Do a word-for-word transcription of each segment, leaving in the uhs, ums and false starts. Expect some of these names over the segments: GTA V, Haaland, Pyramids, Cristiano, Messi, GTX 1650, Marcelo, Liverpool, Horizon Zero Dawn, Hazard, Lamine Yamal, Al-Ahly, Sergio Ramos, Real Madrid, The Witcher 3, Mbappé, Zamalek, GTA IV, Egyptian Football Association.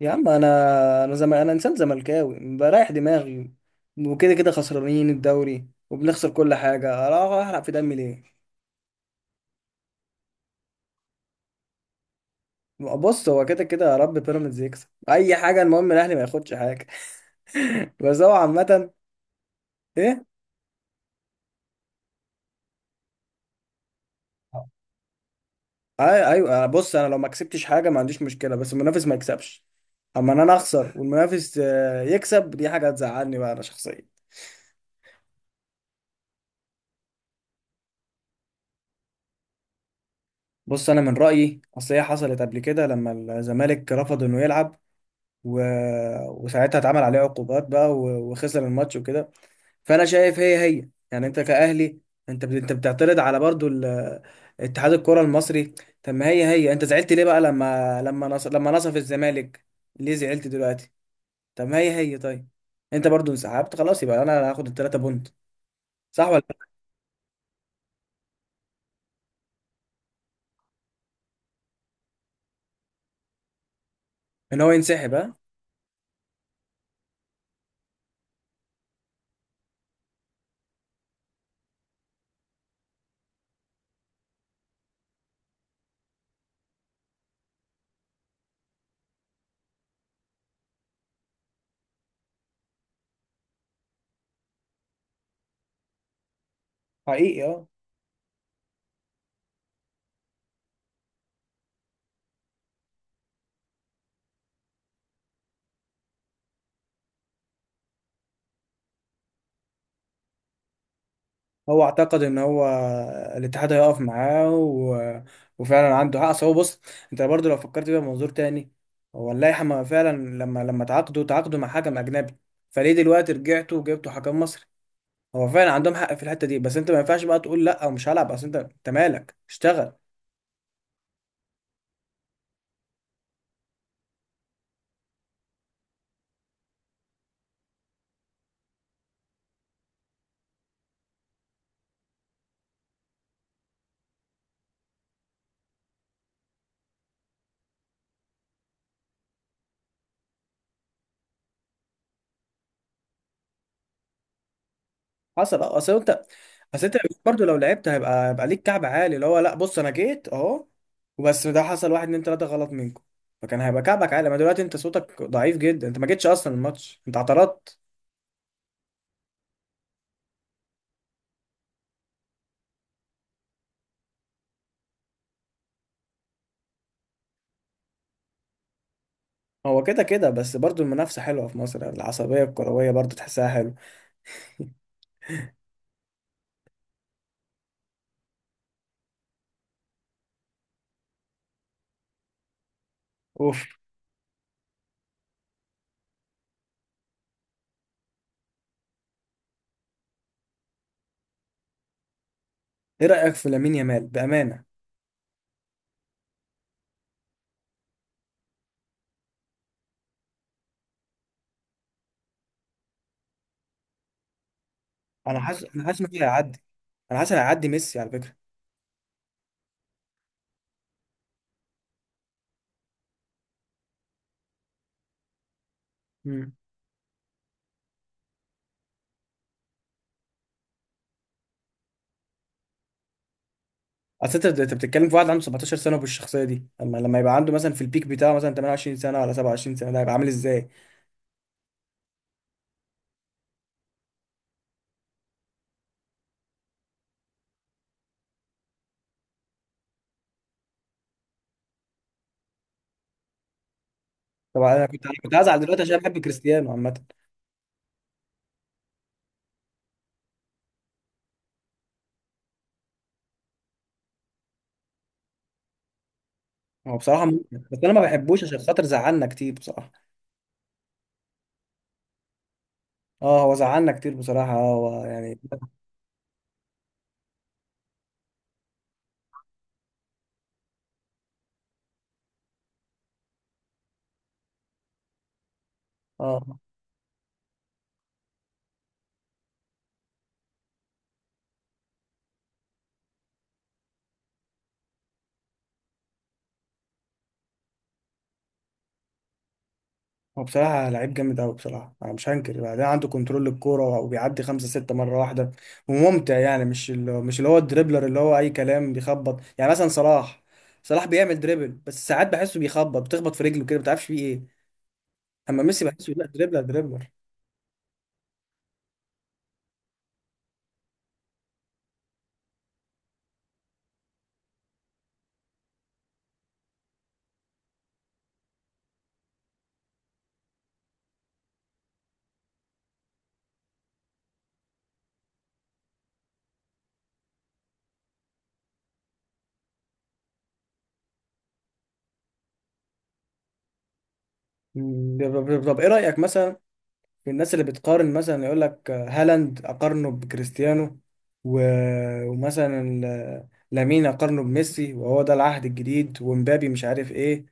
يا عم انا انا زم... انا انسان زملكاوي بريح دماغي. وكده كده خسرانين الدوري وبنخسر كل حاجه، اروح احرق في دمي ليه؟ بص، هو كده كده، يا رب بيراميدز يكسب اي حاجه، المهم الاهلي ما ياخدش حاجه. بس هو عامه ايه؟ أي- ايوه بص، انا لو ما كسبتش حاجه ما عنديش مشكله، بس المنافس ما يكسبش. اما ان انا اخسر والمنافس آه، يكسب، دي حاجه هتزعلني بقى انا شخصيا. بص انا من رايي، اصل هي حصلت قبل كده لما الزمالك رفض انه يلعب، و... وساعتها اتعمل عليه عقوبات بقى و... وخسر الماتش وكده. فانا شايف هي هي، يعني انت كأهلي انت بت... انت بتعترض على برضو ال... اتحاد الكرة المصري. طب ما هي هي، انت زعلت ليه بقى لما لما نص... لما نصف الزمالك ليه زعلت دلوقتي؟ طب ما هي هي، طيب انت برضو انسحبت خلاص، يبقى انا هاخد التلاتة بونت، صح ولا لأ؟ ان هو ينسحب، ها؟ حقيقي اه. هو اعتقد ان هو الاتحاد هيقف معاه و... وفعلا عنده حق. أصل هو، بص، انت برضو لو فكرت بيها بمنظور تاني، هو اللائحه ما فعلا لما لما تعاقدوا تعاقدوا مع حكم اجنبي، فليه دلوقتي رجعتوا وجبتوا حكم مصري؟ هو فعلا عندهم حق في الحته دي، بس انت ما ينفعش بقى تقول لا ومش هلعب. اصل انت انت مالك، اشتغل. حصل اه. اصل انت اصل انت برضه لو لعبت هيبقى هيبقى ليك كعب عالي، اللي هو لا بص انا جيت اهو، وبس ده حصل واحد اتنين تلاته غلط منكم. فكان هيبقى كعبك عالي، ما دلوقتي انت صوتك ضعيف جدا، انت ما جيتش اصلا الماتش، انت اعترضت. هو كده كده، بس برضه المنافسه حلوه في مصر، العصبيه الكرويه برضه تحسها حلوه. اوف. ايه رايك في لامين يامال بامانه؟ انا حاسس انا حاسس انه هيعدي. انا حاسس انه هيعدي ميسي على فكره. مم. اصل انت انت بتتكلم في واحد عنده 17 سنه وبالشخصيه دي، اما لما يبقى عنده مثلا في البيك بتاعه مثلا تمنية وعشرين سنه ولا سبعة وعشرين سنه، ده هيبقى عامل ازاي؟ طبعا انا كنت انا كنت هزعل دلوقتي عشان بحب كريستيانو عامه. هو بصراحه ممتع، بس انا ما بحبوش عشان خاطر زعلنا كتير بصراحه. اه هو زعلنا كتير بصراحه، اه هو يعني. اه هو بصراحه لعيب جامد قوي بصراحه، انا مش هنكر، بعدين عنده كنترول للكوره وبيعدي خمسه سته مره واحده، وممتع. يعني مش اللي مش اللي هو الدريبلر اللي هو اي كلام بيخبط، يعني مثلا صلاح. صلاح بيعمل دريبل، بس ساعات بحسه بيخبط، بتخبط في رجله كده، ما تعرفش فيه ايه. اما ميسي بحسه لا، دريبلر دريبلر. مم. طب طب- طب ايه رايك مثلا في الناس اللي بتقارن، مثلا يقول لك هالاند اقارنه بكريستيانو، و... ومثلا ال- لامين اقارنه بميسي وهو ده العهد الجديد، ومبابي مش عارف ايه.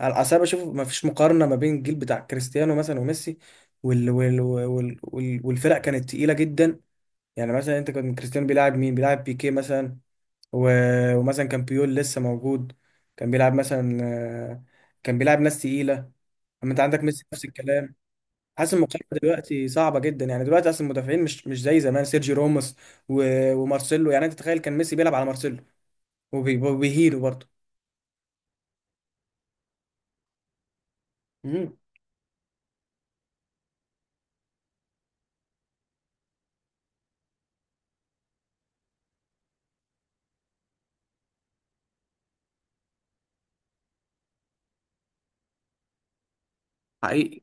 على الأساس بشوف ما فيش مقارنة ما بين الجيل بتاع كريستيانو مثلا وميسي، وال... وال... وال... وال... والفرق كانت تقيلة جدا. يعني مثلا انت، كان كريستيانو بيلعب مين؟ بيلعب بيكيه مثلا، و... ومثلا كان بيول لسه موجود، كان بيلعب مثلا، كان بيلعب ناس تقيلة. اما انت عندك ميسي نفس الكلام. حاسس المقارنه دلوقتي صعبه جدا، يعني دلوقتي اصلا المدافعين مش مش زي زمان. سيرجي راموس و- ومارسيلو، يعني انت تخيل كان ميسي بيلعب على مارسيلو وبي- وبيهيله برضه. امم. حقيقي.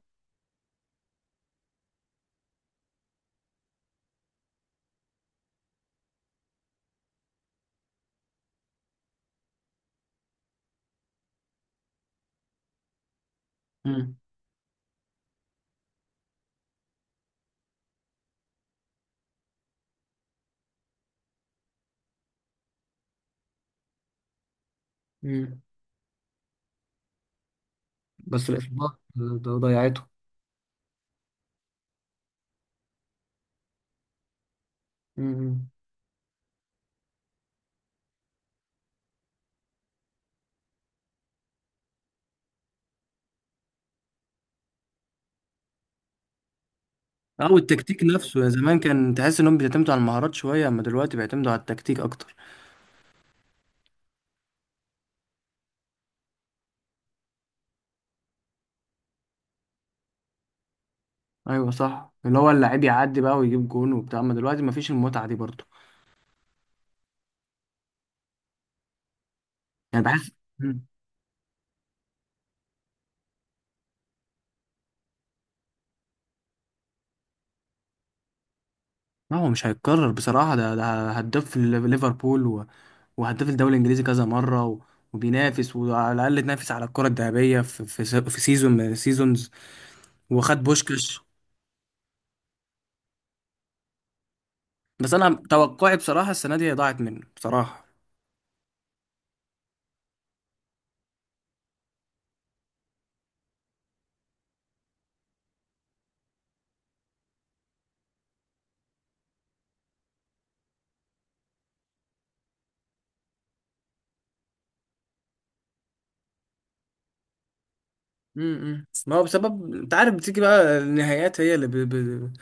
مم. امم. بس الإصابات ده ضيعته. امم. اه والتكتيك نفسه، يا زمان كان تحس انهم بيعتمدوا على المهارات شويه، اما دلوقتي بيعتمدوا على التكتيك اكتر. ايوه صح، اللي هو اللعيب يعدي بقى ويجيب جون وبتاع، اما دلوقتي مفيش المتعه دي برضه. يعني بحس. ما هو مش هيتكرر بصراحة، ده ده هداف في ليفربول و- وهداف الدوري الإنجليزي كذا مرة، و- وبينافس وعلى الأقل تنافس على الكرة الذهبية في في س- في سيزون من سيزونز، وخد بوشكش. بس أنا توقعي بصراحة السنة دي ضاعت منه بصراحة. امم. ما هو بسبب، أنت عارف بتيجي بقى النهايات هي اللي ب... ب...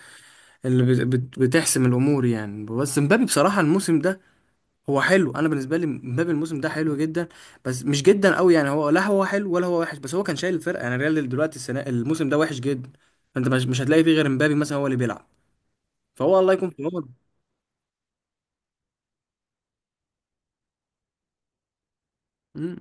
اللي بت... بت- بتحسم الأمور يعني. بس مبابي بصراحة الموسم ده هو حلو. انا بالنسبه لي مبابي الموسم ده حلو جدا، بس مش جدا قوي. يعني هو لا هو حلو ولا هو وحش، بس هو كان شايل الفرقه. يعني الريال دلوقتي السنه الموسم ده وحش جدا، فانت مش مش هتلاقي فيه غير مبابي مثلا هو اللي بيلعب، فهو الله يكون في عونه. مم.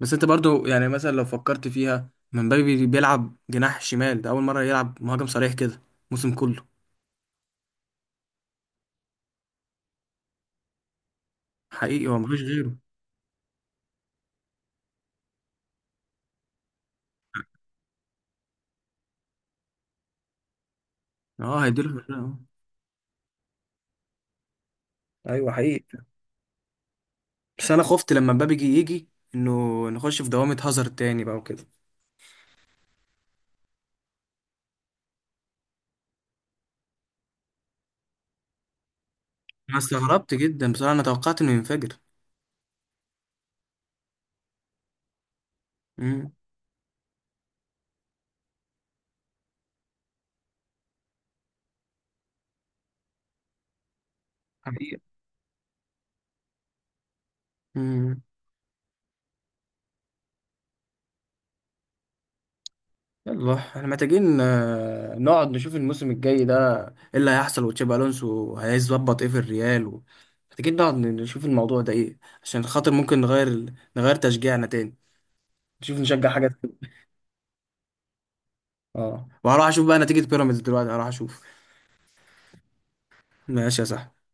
بس انت برضو، يعني مثلا لو فكرت فيها، مبابي بيلعب جناح شمال، ده اول مره يلعب مهاجم صريح كده الموسم كله. حقيقي، هو مفيش غيره. اه هيديله في الفرقة، اه. ايوه حقيقي. بس انا خفت لما مبابي يجي يجي انه نخش في دوامه هازارد تاني بقى وكده. انا استغربت جدا بصراحه، انا توقعت انه ينفجر. مم. حقيقة. مم. يلا احنا محتاجين آه، نقعد نشوف الموسم الجاي ده ايه اللي هيحصل، وتشابي الونسو هيظبط ايه في الريال و... محتاجين نقعد نشوف الموضوع ده ايه، عشان خاطر ممكن نغير نغير تشجيعنا تاني، نشوف نشجع حاجة تانية. اه وهروح اشوف بقى نتيجة بيراميدز دلوقتي، هروح اشوف. ماشي يا صاحبي.